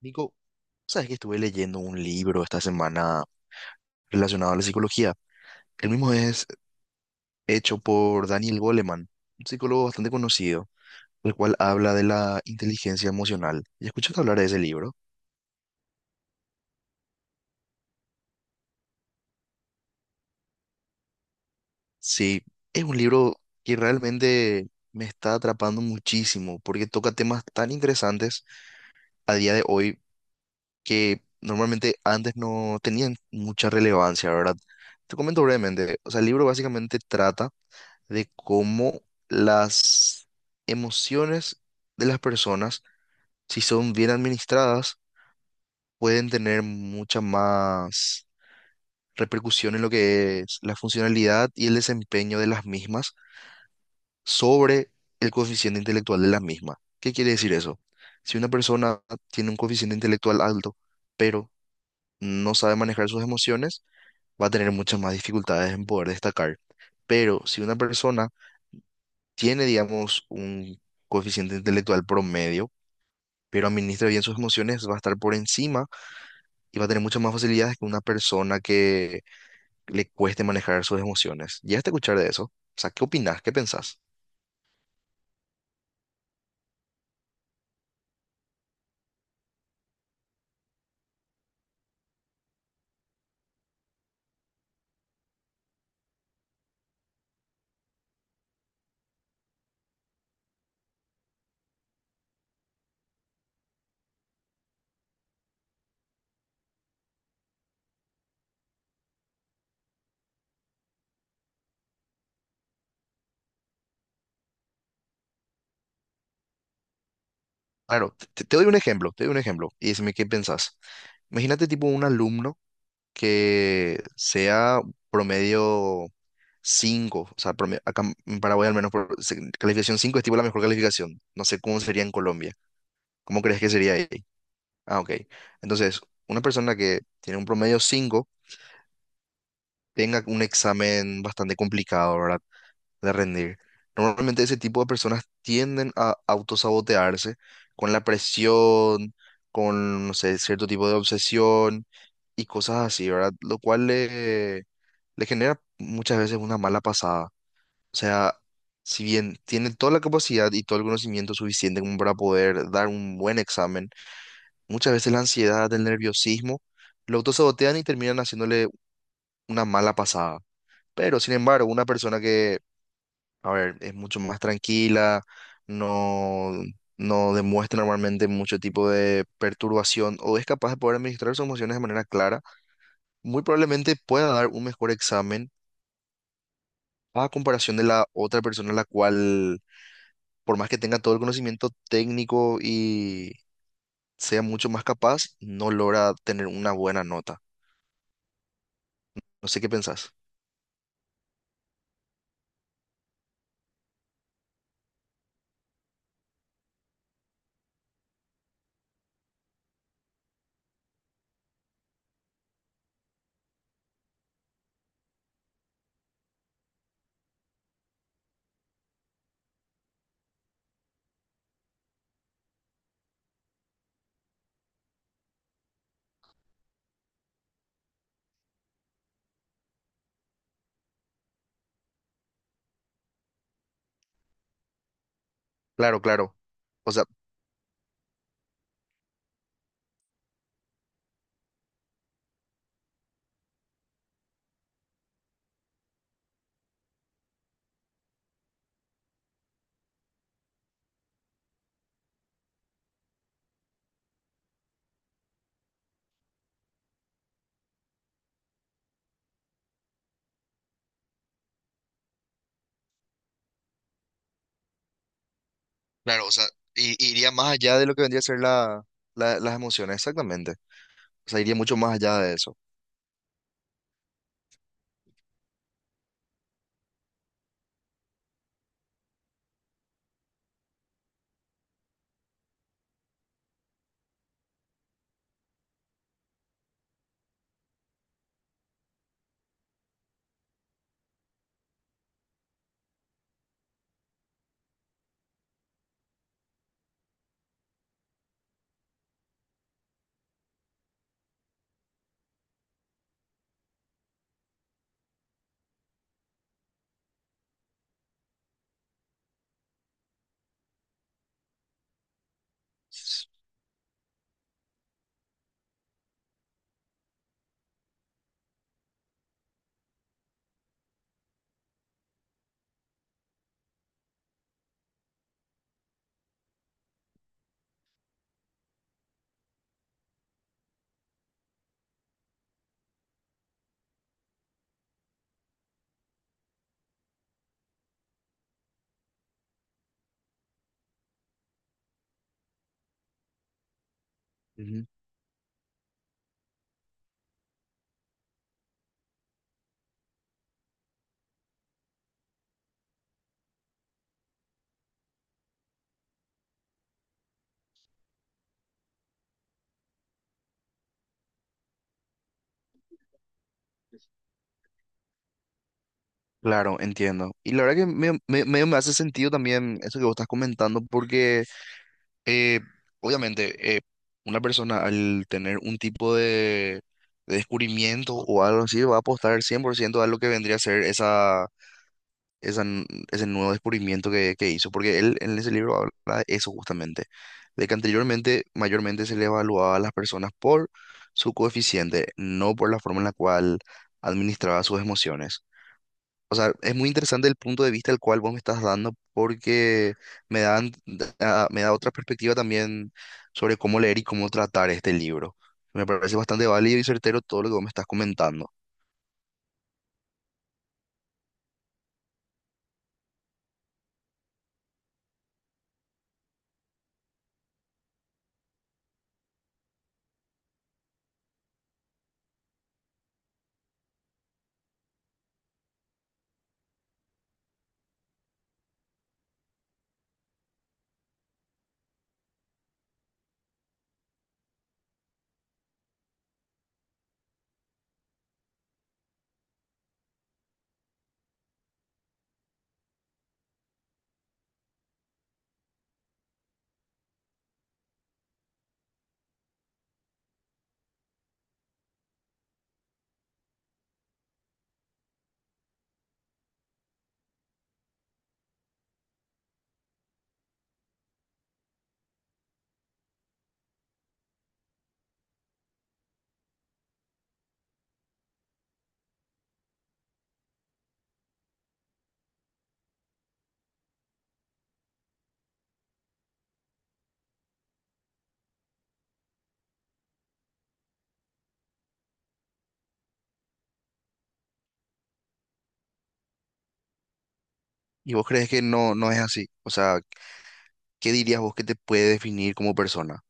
Nico, ¿sabes que estuve leyendo un libro esta semana relacionado a la psicología? El mismo es hecho por Daniel Goleman, un psicólogo bastante conocido, el cual habla de la inteligencia emocional. ¿Y escuchaste hablar de ese libro? Sí, es un libro que realmente me está atrapando muchísimo porque toca temas tan interesantes a día de hoy que normalmente antes no tenían mucha relevancia, ¿verdad? Te comento brevemente, o sea, el libro básicamente trata de cómo las emociones de las personas, si son bien administradas, pueden tener mucha más repercusión en lo que es la funcionalidad y el desempeño de las mismas sobre el coeficiente intelectual de las mismas. ¿Qué quiere decir eso? Si una persona tiene un coeficiente intelectual alto, pero no sabe manejar sus emociones, va a tener muchas más dificultades en poder destacar. Pero si una persona tiene, digamos, un coeficiente intelectual promedio, pero administra bien sus emociones, va a estar por encima y va a tener muchas más facilidades que una persona que le cueste manejar sus emociones. ¿Llegaste a escuchar de eso? O sea, ¿qué opinás? ¿Qué pensás? Claro, te doy un ejemplo, te doy un ejemplo y decime qué pensás. Imagínate tipo un alumno que sea promedio 5, o sea, promedio- acá en Paraguay al menos por- se- calificación 5 es tipo la mejor calificación. No sé cómo sería en Colombia. ¿Cómo crees que sería ahí? Ah, ok. Entonces, una persona que tiene un promedio 5 tenga un examen bastante complicado, ¿verdad? De rendir. Normalmente ese tipo de personas tienden a autosabotearse con la presión, con, no sé, cierto tipo de obsesión y cosas así, ¿verdad? Lo cual le genera muchas veces una mala pasada. O sea, si bien tiene toda la capacidad y todo el conocimiento suficiente como para poder dar un buen examen, muchas veces la ansiedad, el nerviosismo, lo autosabotean y terminan haciéndole una mala pasada. Pero, sin embargo, una persona que, a ver, es mucho más tranquila, no, no demuestra normalmente mucho tipo de perturbación o es capaz de poder administrar sus emociones de manera clara, muy probablemente pueda dar un mejor examen a comparación de la otra persona, la cual, por más que tenga todo el conocimiento técnico y sea mucho más capaz, no logra tener una buena nota. No sé qué pensás. Claro, claro. O sea, claro, o sea, i- iría más allá de lo que vendría a ser la, las emociones, exactamente. O sea, iría mucho más allá de eso. Ujú. Claro, entiendo. Y la verdad que medio me hace sentido también eso que vos estás comentando, porque eh, obviamente, una persona al tener un tipo de descubrimiento o algo así va a apostar 100% a lo que vendría a ser esa, esa n- ese nuevo descubrimiento que hizo, porque él en ese libro habla de eso justamente, de que anteriormente mayormente se le evaluaba a las personas por su coeficiente, no por la forma en la cual administraba sus emociones. O sea, es muy interesante el punto de vista al cual vos me estás dando porque me da otra perspectiva también sobre cómo leer y cómo tratar este libro. Me parece bastante válido y certero todo lo que vos me estás comentando. ¿Y vos crees que no es así? O sea, ¿qué dirías vos que te puede definir como persona?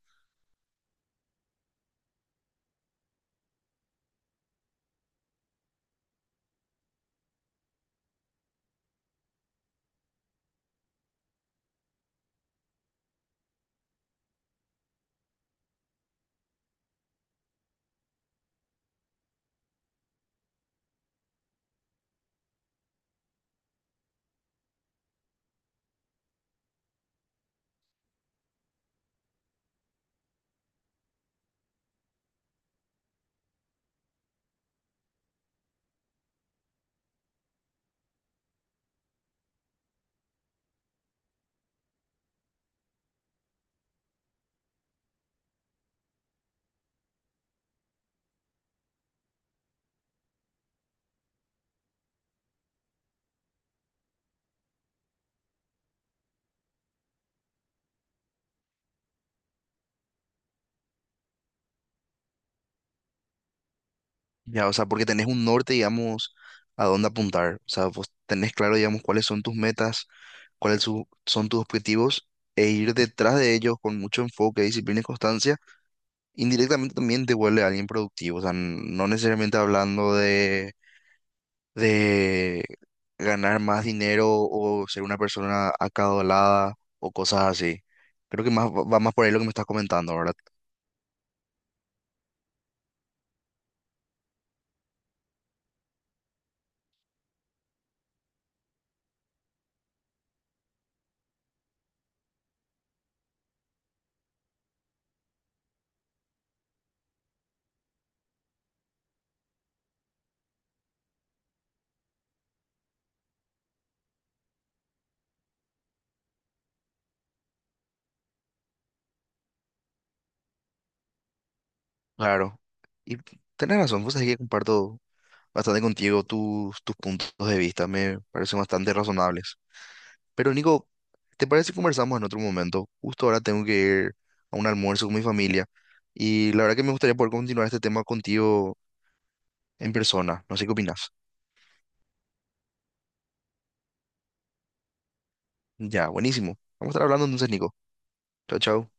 Ya, o sea, porque tenés un norte, digamos, a dónde apuntar. O sea, vos tenés claro, digamos, cuáles son tus metas, son tus objetivos, e ir detrás de ellos con mucho enfoque, disciplina y constancia, indirectamente también te vuelve alguien productivo. O sea, no necesariamente hablando de ganar más dinero o ser una persona acaudalada o cosas así. Creo que más va va más por ahí lo que me estás comentando, ¿verdad? Claro. Y tenés razón, vos sabés que comparto bastante contigo tus puntos de vista, me parecen bastante razonables. Pero Nico, ¿te parece si conversamos en otro momento? Justo ahora tengo que ir a un almuerzo con mi familia y la verdad que me gustaría poder continuar este tema contigo en persona. No sé qué opinas. Ya, buenísimo. Vamos a estar hablando entonces, Nico. Chao, chao.